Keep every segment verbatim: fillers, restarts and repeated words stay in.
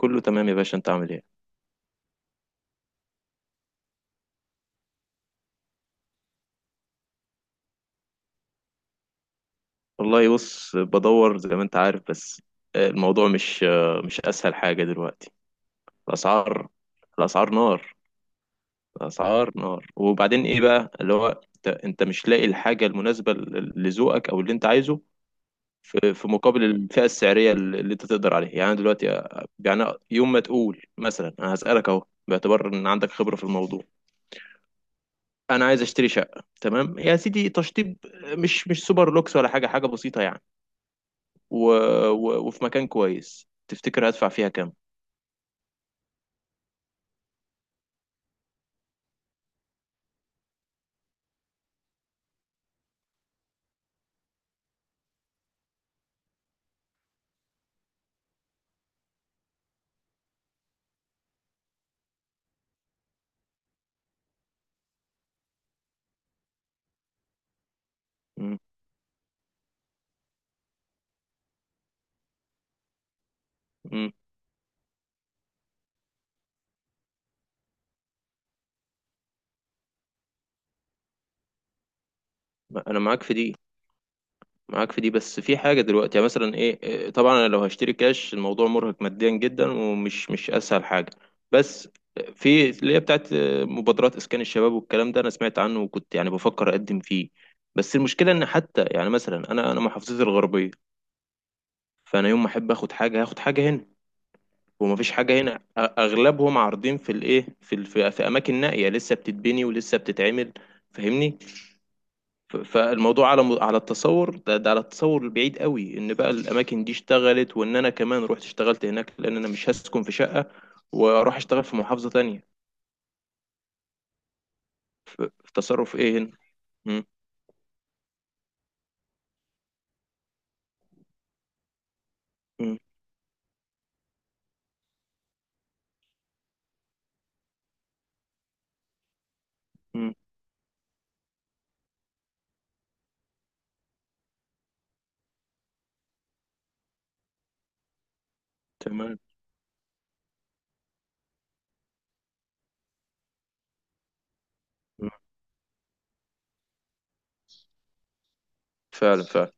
كله تمام يا باشا، انت عامل ايه؟ والله، بص، بدور زي ما انت عارف، بس. آه، الموضوع مش آه، مش اسهل حاجة دلوقتي. الاسعار الاسعار نار. الاسعار نار. وبعدين ايه بقى اللي هو انت انت مش لاقي الحاجة المناسبة ل- لذوقك او اللي انت عايزه، في في مقابل الفئة السعرية اللي انت تقدر عليها، يعني انا دلوقتي، آه، يعني. يوم ما تقول مثلا، انا هسألك اهو باعتبار ان عندك خبرة في الموضوع. انا عايز اشتري شقة، تمام يا سيدي، تشطيب، آه، مش مش سوبر لوكس ولا حاجة، حاجة بسيطة يعني. و... و... وفي مكان كويس، تفتكر هدفع فيها كام؟ مم. مم. انا معاك في دي معاك في دي بس، في حاجة دلوقتي يعني، مثلا ايه، إيه، طبعا انا لو هشتري كاش، الموضوع مرهق ماديا جدا، ومش مش اسهل حاجة. بس في اللي هي بتاعت آه، مبادرات اسكان الشباب، والكلام ده انا سمعت عنه، وكنت يعني بفكر اقدم فيه. بس المشكلة ان حتى يعني، مثلا انا انا محافظتي الغربية. فانا يوم ما احب اخد حاجة، هاخد حاجة هنا، ومفيش حاجة هنا. أ- أغلبهم عارضين في الإيه، في ال- في في أماكن نائية لسه بتتبني ولسه بتتعمل، فاهمني؟ ف- فالموضوع على م- على التصور ده, ده على التصور البعيد قوي، إن بقى الأماكن دي اشتغلت، وإن أنا كمان رحت اشتغلت هناك، لأن أنا مش هسكن في شقة وأروح أشتغل في محافظة تانية. ف- في تصرف إيه هنا؟ م- م- م- تمام. م- فعلا، فعلا.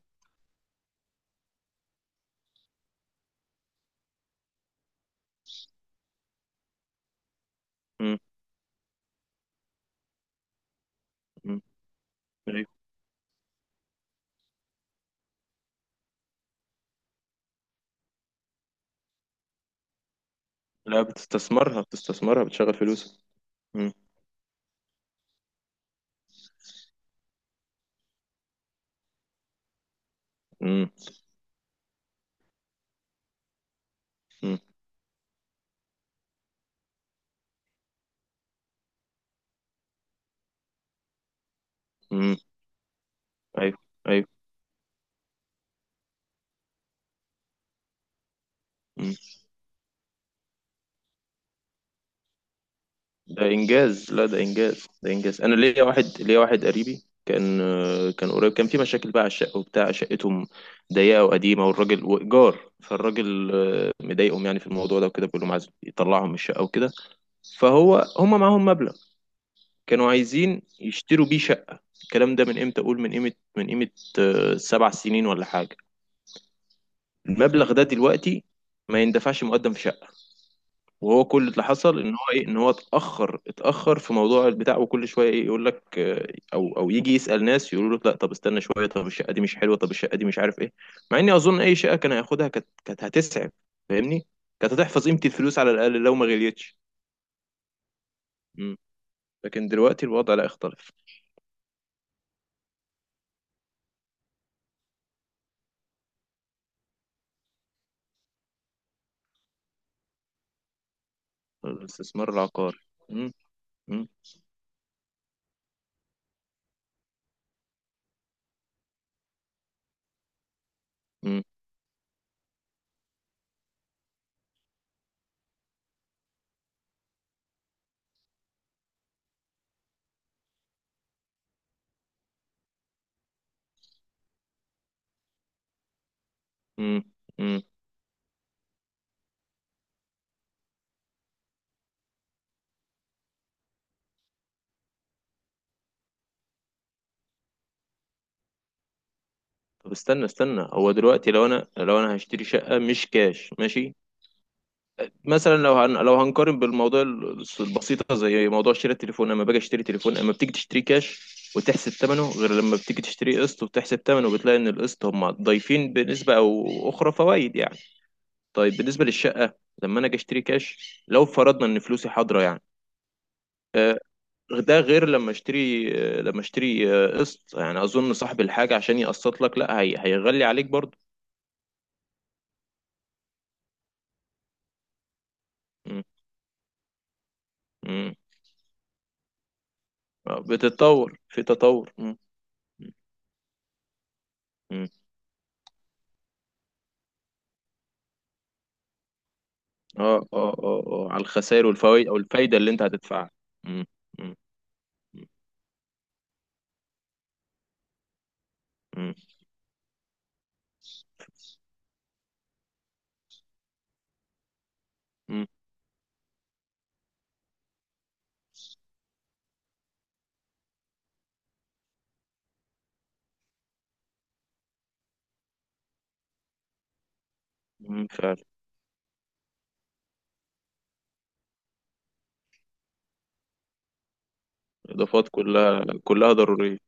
م- م- أيوة. لا، بتستثمرها، بتستثمرها، بتشغل فلوسك. م- م- م- م- أيوة، أيوة. ده انجاز، لا ده انجاز، ده انجاز. انا ليا واحد، ليا واحد قريبي، كان كان قريب، كان في مشاكل بقى على الشقه وبتاع. شقتهم ضيقه وقديمه، والراجل، وايجار، فالراجل آه، مضايقهم يعني في الموضوع ده وكده، بيقول لهم عايز يطلعهم من الشقه وكده. فهو هم معاهم مبلغ، كانوا عايزين يشتروا بيه شقه. الكلام ده من امتى؟ اقول من قيمه، من قيمه آه، سبع سنين ولا حاجه. المبلغ ده دلوقتي ما يندفعش مقدم في شقه. وهو كل اللي حصل، ان هو ايه، ان هو اتاخر اتاخر في موضوع البتاع، وكل شويه ايه يقول لك آه، او او يجي يسال ناس، يقولوا له لا، طب استنى شويه، طب الشقه دي مش حلوه، طب الشقه دي مش عارف ايه. مع اني اظن اي شقه كان هياخدها، كانت كانت هتسعف، فاهمني؟ كانت هتحفظ قيمه الفلوس على الاقل، لو ما غليتش. مم. لكن دلوقتي الوضع لا يختلف. الاستثمار العقاري. مم. مم. مم. مم. مم. طب استنى استنى، هو دلوقتي لو انا، لو انا هشتري شقه مش كاش، ماشي، مثلا لو هن... لو هنقارن بالموضوع ال- البسيطه، زي موضوع شراء التليفون. لما باجي اشتري تليفون، اما بتيجي تشتري كاش وتحسب ثمنه، غير لما بتيجي تشتري قسط وتحسب ثمنه، بتلاقي ان القسط هم ضايفين بنسبه او اخرى فوائد يعني. طيب بالنسبه للشقه، لما انا اجي اشتري كاش، لو فرضنا ان فلوسي حاضره يعني، آه، ده غير لما اشتري، آه، لما اشتري آه، قسط. يعني اظن صاحب الحاجه عشان يقسط لك، لا، هي... هيغلي عليك برضه. م- م. بتتطور، في تطور. م- م. اه، اه، اه، اه، على الخسائر والفوائد، او الفايدة اللي انت هتدفعها. مم، مم، مم، مم، مم، فعلا. الاضافات كلها، كلها ضرورية.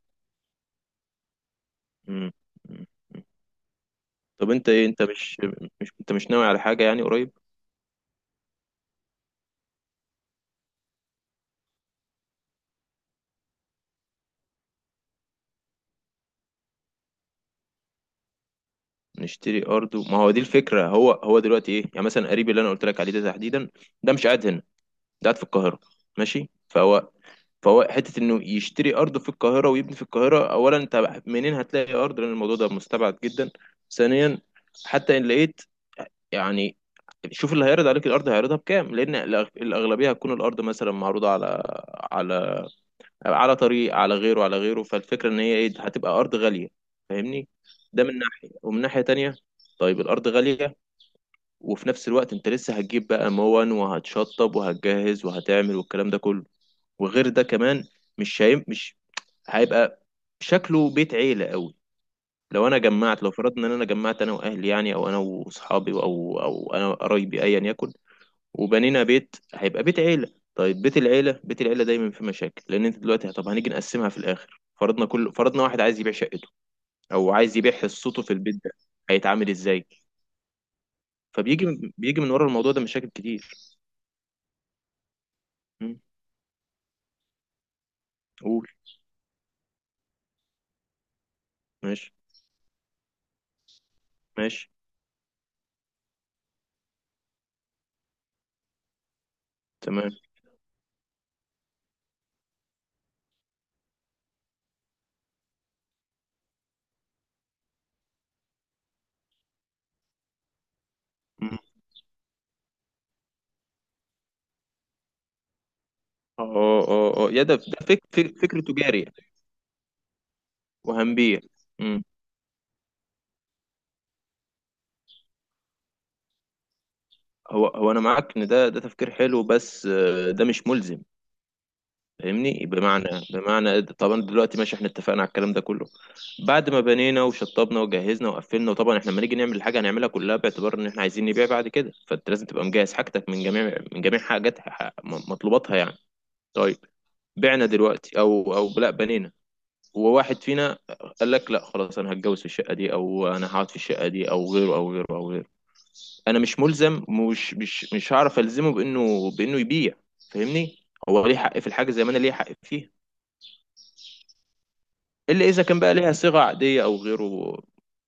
مم، مم. طب انت ايه، انت مش مش انت مش ناوي على حاجة يعني، قريب؟ نشتري ارض و- ما هو دي الفكرة. هو هو دلوقتي ايه يعني، مثلا قريبي اللي انا قلت لك عليه ده تحديدا، ده مش قاعد هنا، ده قاعد في القاهرة، ماشي. فهو فهو حتة انه يشتري ارض في القاهرة ويبني في القاهرة، اولا انت منين هتلاقي ارض؟ لان الموضوع ده مستبعد جدا. ثانيا، حتى ان لقيت يعني، شوف اللي هيعرض عليك الارض هيعرضها بكام، لان الأغ- الاغلبيه هتكون الارض مثلا معروضه على على على طريق، على غيره على غيره، فالفكره ان هي ايه، هتبقى ارض غاليه، فاهمني؟ ده من ناحيه، ومن ناحيه تانية، طيب الارض غاليه، وفي نفس الوقت انت لسه هتجيب بقى موان، وهتشطب، وهتجهز، وهتعمل، والكلام ده كله. وغير ده كمان، مش هي مش هيبقى شكله بيت عيله قوي. لو انا جمعت لو فرضنا ان انا جمعت انا واهلي يعني، او انا واصحابي، او او انا قرايبي، ايا يكن، وبنينا بيت، هيبقى بيت عيلة. طيب بيت العيلة، بيت العيلة دايما في مشاكل، لأن أنت دلوقتي، طب هنيجي نقسمها في الآخر، فرضنا كل فرضنا واحد عايز يبيع شقته، أو عايز يبيع حصته في البيت ده، هيتعامل إزاي؟ فبيجي من- بيجي من ورا الموضوع ده مشاكل كتير. مم. قول. ماشي، ماشي، تمام. مم. اه، اه، اه، آه. يا، ده ده فك فك فكر تجاري يعني، وهنبيع. مم. هو هو أنا معاك إن ده، ده تفكير حلو، بس آه، ده مش ملزم، فاهمني؟ بمعنى، بمعنى طبعا دلوقتي ماشي، احنا اتفقنا على الكلام ده كله، بعد ما بنينا وشطبنا وجهزنا وقفلنا. وطبعا احنا لما نيجي نعمل الحاجه، هنعملها كلها باعتبار ان احنا عايزين نبيع بعد كده. فانت لازم تبقى مجهز حاجتك من جميع، من جميع حاجات ح- م- مطلوباتها يعني. طيب، بعنا دلوقتي، او او لا، بنينا، وواحد فينا قال لك لا خلاص، انا هتجوز في الشقه دي، او انا هقعد في الشقه دي، او غيره، او غيره، او غيره. انا مش ملزم، مش مش مش هعرف الزمه بانه، بانه يبيع، فاهمني؟ هو ليه حق في الحاجه زي ما انا ليه حق فيها، الا اذا كان بقى ليها صيغه عاديه او غيره،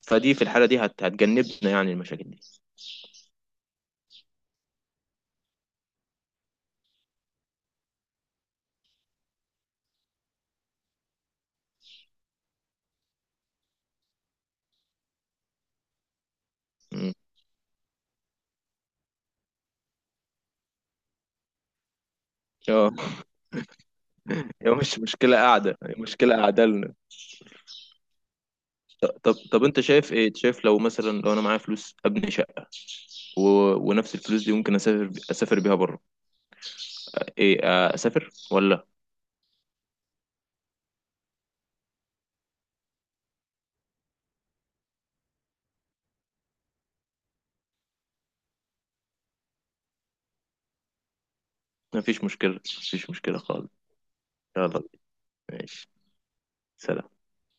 فدي في الحاله دي هت... هتجنبنا يعني المشاكل دي. مم. اه. هي مش مشكله قاعده، هي مشكله قاعده لنا. ط- طب طب، انت شايف ايه شايف، لو مثلا، لو انا معايا فلوس ابني شقه، و... ونفس الفلوس دي ممكن اسافر، ب... اسافر بيها بره، ايه آه، اسافر ولا؟ مفيش مشكله، مفيش مشكله خالص. يلا. ماشي. سلام.